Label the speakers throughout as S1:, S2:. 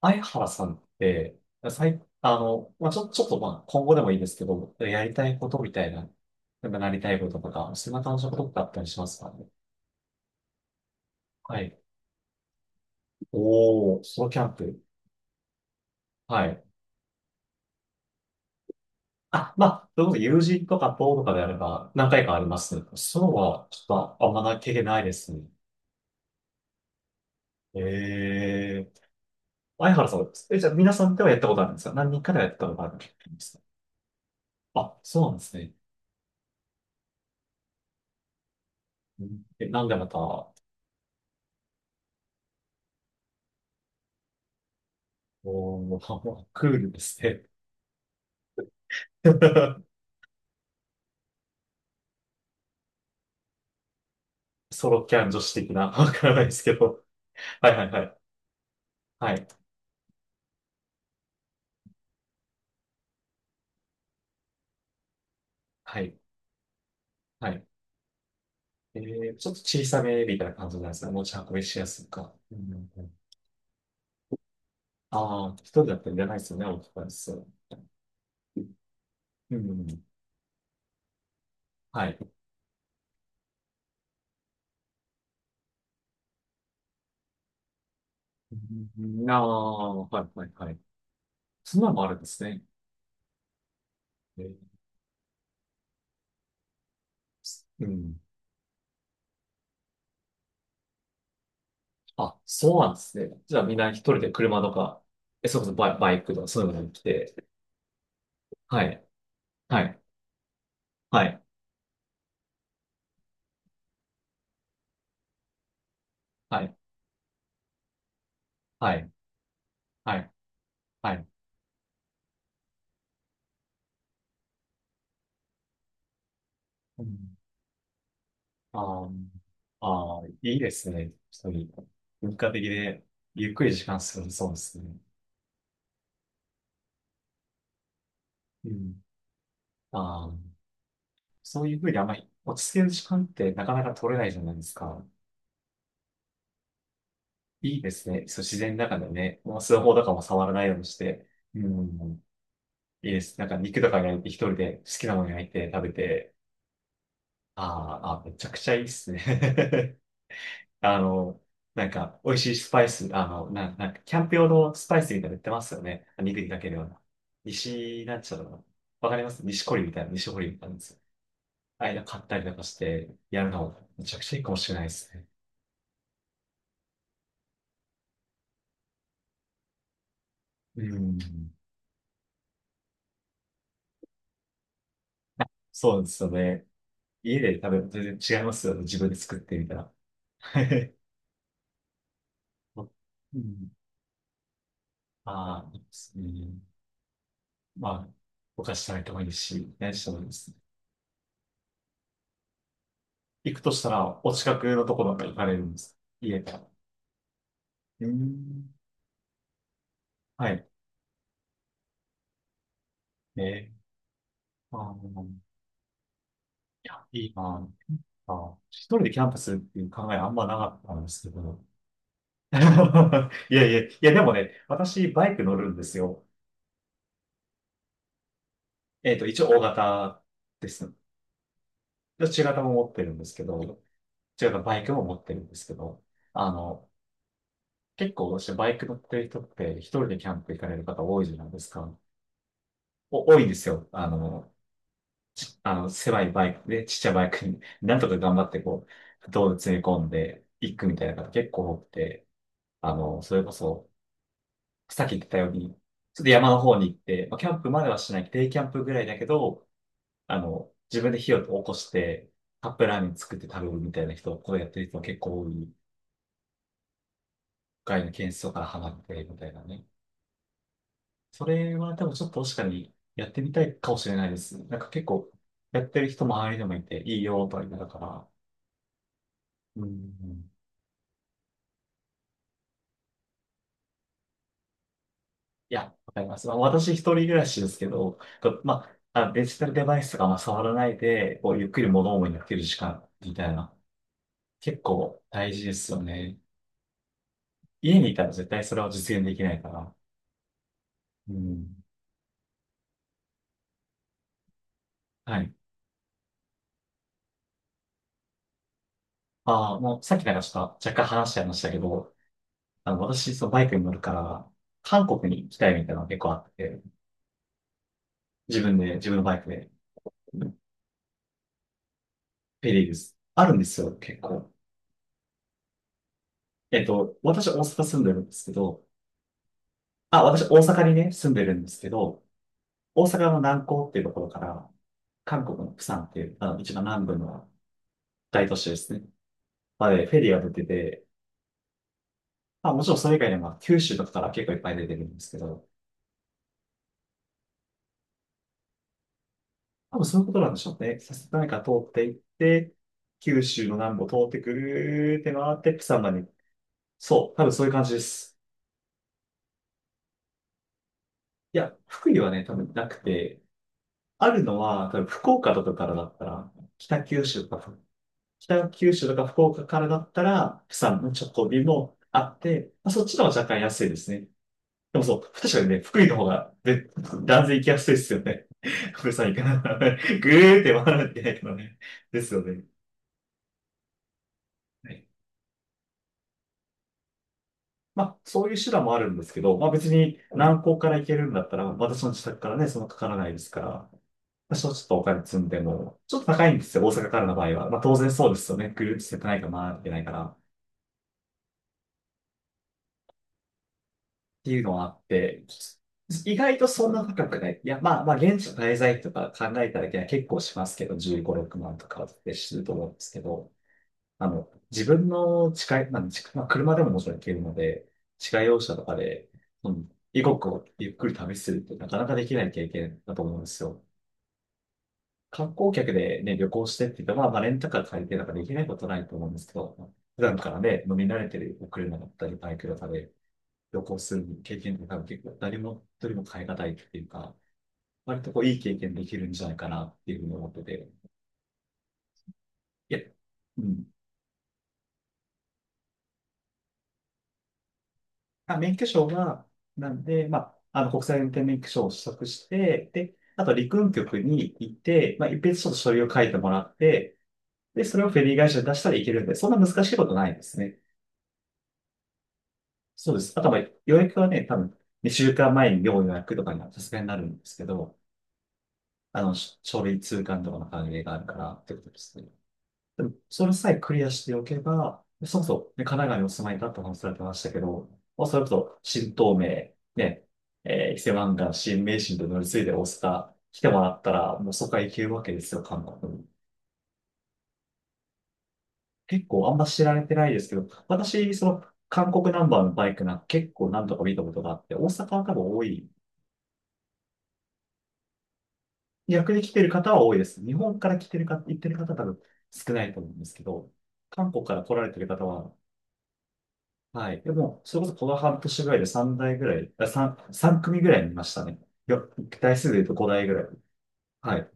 S1: 相原さんって、最、あの、まあ、ちょ、ちょっとまあ、今後でもいいんですけど、やりたいことみたいな、なんかなりたいこととか、そんな感じのことってあったりしますかね。はい。おー、ソロキャンプ。はい。あ、まあ、そういうこと友人とか友とかであれば何回かあります。そうは、ちょっとあんまな経験ないですね。えー。相原さん、え、じゃあ皆さんではやったことあるんですか、何人かではやったことあるんですか？あ、そうなんですね。うん、なんでまた。おー、クールですね。ソロキャン女子的な、わからないですけど。はいはいはい。はい。はい。はい。えー、ちょっと小さめみたいな感じなんですね。持ち運びしやすいか。うんうんうん。ああ、一人だったらいらないですよね、大きくなりそう。うんうん。はい。うん、ああ、はいはいはい。そんなのもあるんですね。えー。うん。あ、そうなんですね。じゃあみんな一人で車とか、え、それこそバイクとかそういうのに来て。はい。はい。はい。はい。はい。はい。はい。うん、あーあー、いいですね。一人。文化的で、ゆっくり時間過ごせそうですね。うん。ああ、そういうふうにあんまり落ち着ける時間ってなかなか取れないじゃないですか。いいですね。そう、自然の中でね、もうスマホとかも触らないようにして。うん。いいです。なんか肉とか焼いて一人で好きなもの焼いて食べて。あーあー、めちゃくちゃいいですね。あの、なんか、美味しいスパイス、なんか、キャンプ用のスパイスみたいなの売ってますよね。肉にかけるような。西、なんちゃらの、わかります西コリみたいな、西堀みたいなんですよ。ああいうの買ったりとかして、やるの、めちゃくちゃいいかもしれないですね。うん。そうですよね。家で食べると全然違いますよね。自分で作ってみたら。うん。ああ、いいですね。まあ、お菓子食べてもいいし、何してもいいですね。行くとしたら、お近くのところなんか行かれるんですか。家か。うん。はい。えー、あの、いや、いいな。あ、一人でキャンパスっていう考えあんまなかったんですけど。いや、でもね、私、バイク乗るんですよ。えっと、一応、大型です。で中型も持ってるんですけど、中型バイクも持ってるんですけど、あの、結構、私、バイク乗ってる人って、一人でキャンプ行かれる方多いじゃないですか。お、多いんですよ。あの、狭いバイクで、ちっちゃいバイクに、なんとか頑張ってこう、道路詰め込んでいくみたいな方結構多くて、あの、それこそ、さっき言ってたように、ちょっと山の方に行って、まあ、キャンプまではしない、デイキャンプぐらいだけど、あの、自分で火を起こして、カップラーメン作って食べるみたいな人、こうやってる人も結構多い、外の件数からハマって、みたいなね。それは多分ちょっと確かにやってみたいかもしれないです。なんか結構、やってる人周りでもいて、いいよ、とは言いながら。うん。いや、わかります。まあ、私一人暮らしですけど、こうまあ、あデジタルデバイスがあ触らないで、こう、ゆっくり物思いになってる時間みたいな、結構大事ですよね。家にいたら絶対それは実現できないから。うん。はい。ああ、もうさっきなんかちょっと若干話しちゃいましたけど、あの、私、そのバイクに乗るから、韓国に行きたいみたいなのが結構あって、自分のバイクで、ペリーです。あるんですよ、結構。えっと、私大阪住んでるんですけど、あ、私大阪にね、住んでるんですけど、大阪の南港っていうところから、韓国の釜山っていう、あの、一番南部の大都市ですね。まで、フェリーが出てて、まあ、もちろんそれ以外にも、九州とかから結構いっぱい出てるんですけど、多分そういうことなんでしょうね。さすがにか通っていって、九州の南部を通ってくるーって回って、釜山まで。そう、多分そういう感じです。いや、福井はね、多分なくて、あるのは、多分福岡とかからだったら、北九州とか北九州とか福岡からだったら、釜山の直行便もあって、まあ、そっちの方が若干安いですね。でもそう、確かにね、福井の方が、ね、断然行きやすいですよね。ごめんなさい、行かないからね。ぐーって回らなきゃいけないからね。ですよね。はい。まあ、そういう手段もあるんですけど、まあ別に南港から行けるんだったら、私の自宅からね、そんなかからないですから、私はちょっとお金積んでも、ちょっと高いんですよ、大阪からの場合は。まあ当然そうですよね。ぐるーっとしててないか回ってないから。ていうのはあって、意外とそんな高くない。いや、まあまあ、現地の滞在費とか考えただけは結構しますけど、15、6万とかってすると思うんですけど、あの、自分の近い、まあ、近いまあ、車でももちろん行けるので、自家用車とかで、うん、異国をゆっくり旅するってなかなかできない経験だと思うんですよ。観光客でね、旅行してって言ったら、まあ、レンタカー借りてなんかできないことないと思うんですけど、普段からね、飲み慣れてるお車だったり、バイクだったり、旅行する経験って多分結構誰も一人も変え難いっていうか、割とこういい経験できるんじゃないかなっていうふうに思ってて。いや、うん。あ、免許証が、なんで、まあ、あの国際運転免許証を取得して、で、あと陸運局に行って、まあ、一筆ちょっと書類を書いてもらって、で、それをフェリー会社に出したらいけるんで、そんな難しいことないですね。そうです。あと、まあ、予約はね、多分、2週間前に要予約とかにはさすがになるんですけど、あの、書類通関とかの関係があるからってことですね。でもそれさえクリアしておけば、そもそも、ね、神奈川にお住まいだった話されてましたけど、まあ、それこそ、新東名、ね、えー伊勢湾岸、新名神と乗り継いで大阪来てもらったら、もうそこから行けるわけですよ、韓国に。結構あんま知られてないですけど、私、その、韓国ナンバーのバイクなんか結構何とか見たことがあって、大阪は多分多い。逆に来てる方は多いです。日本から来てる方、行ってる方は多分少ないと思うんですけど、韓国から来られてる方は、はい。でも、それこそこの半年ぐらいで3台ぐらい、あ、3、三組ぐらい見ましたね。よ、台数で言うと5台ぐらい。はい。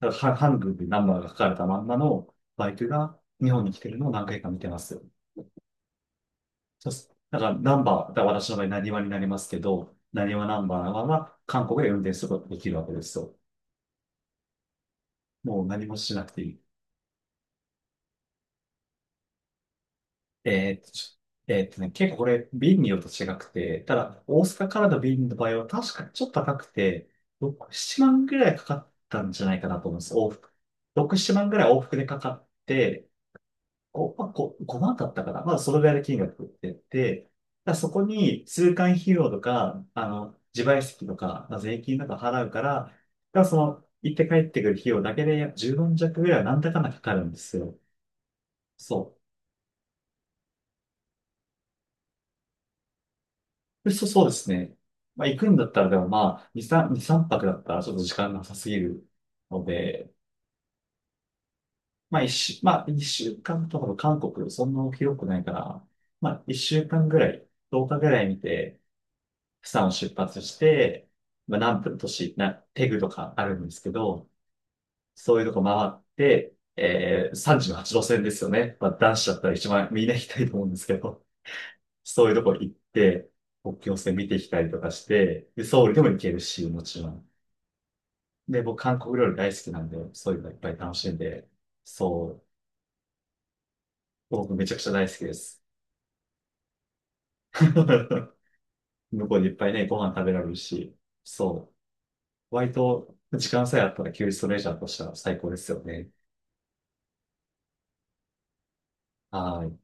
S1: だからは、ハンルでナンバーが書かれたまんまのバイクが日本に来てるのを何回か見てますよ。そうっす。だからナンバー、だから私の場合、なにわになりますけど、なにわナンバーは韓国で運転することができるわけですよ。もう何もしなくていい。えーっと、ちょえーっとね、結構これ、便によると違くて、ただ、大阪からの便の場合は確かにちょっと高くて、6、7万ぐらいかかったんじゃないかなと思うんです、往復。6、7万ぐらい往復でかかって、5、まあ、5、5万だったかな。まあ、そのぐらいの金額ってて、だからそこに通関費用とか、あの、自賠責とか、まあ、税金とか払うから、だからその、行って帰ってくる費用だけで10万弱ぐらいはなんだかんだかかるんですよ。そう。そうですね。まあ、行くんだったら、でもまあ、2、3、2、3泊だったらちょっと時間なさすぎるので、まあ、一週間とかの韓国、そんな広くないから、まあ、一週間ぐらい、10日ぐらい見て、釜山を出発して、まあ、南部の都市、な、テグとかあるんですけど、そういうとこ回って、えー、38路線ですよね。まあ、男子だったら一番みんな行きたいと思うんですけど、そういうとこ行って、国境線見てきたりとかして、で、ソウルでも行けるし、もちろん。で、僕、韓国料理大好きなんで、そういうのいっぱい楽しんで、そう、僕めちゃくちゃ大好きです。向こうでいっぱいね、ご飯食べられるし、そう、割と時間さえあったら休日とレジャーとしては最高ですよね。はい。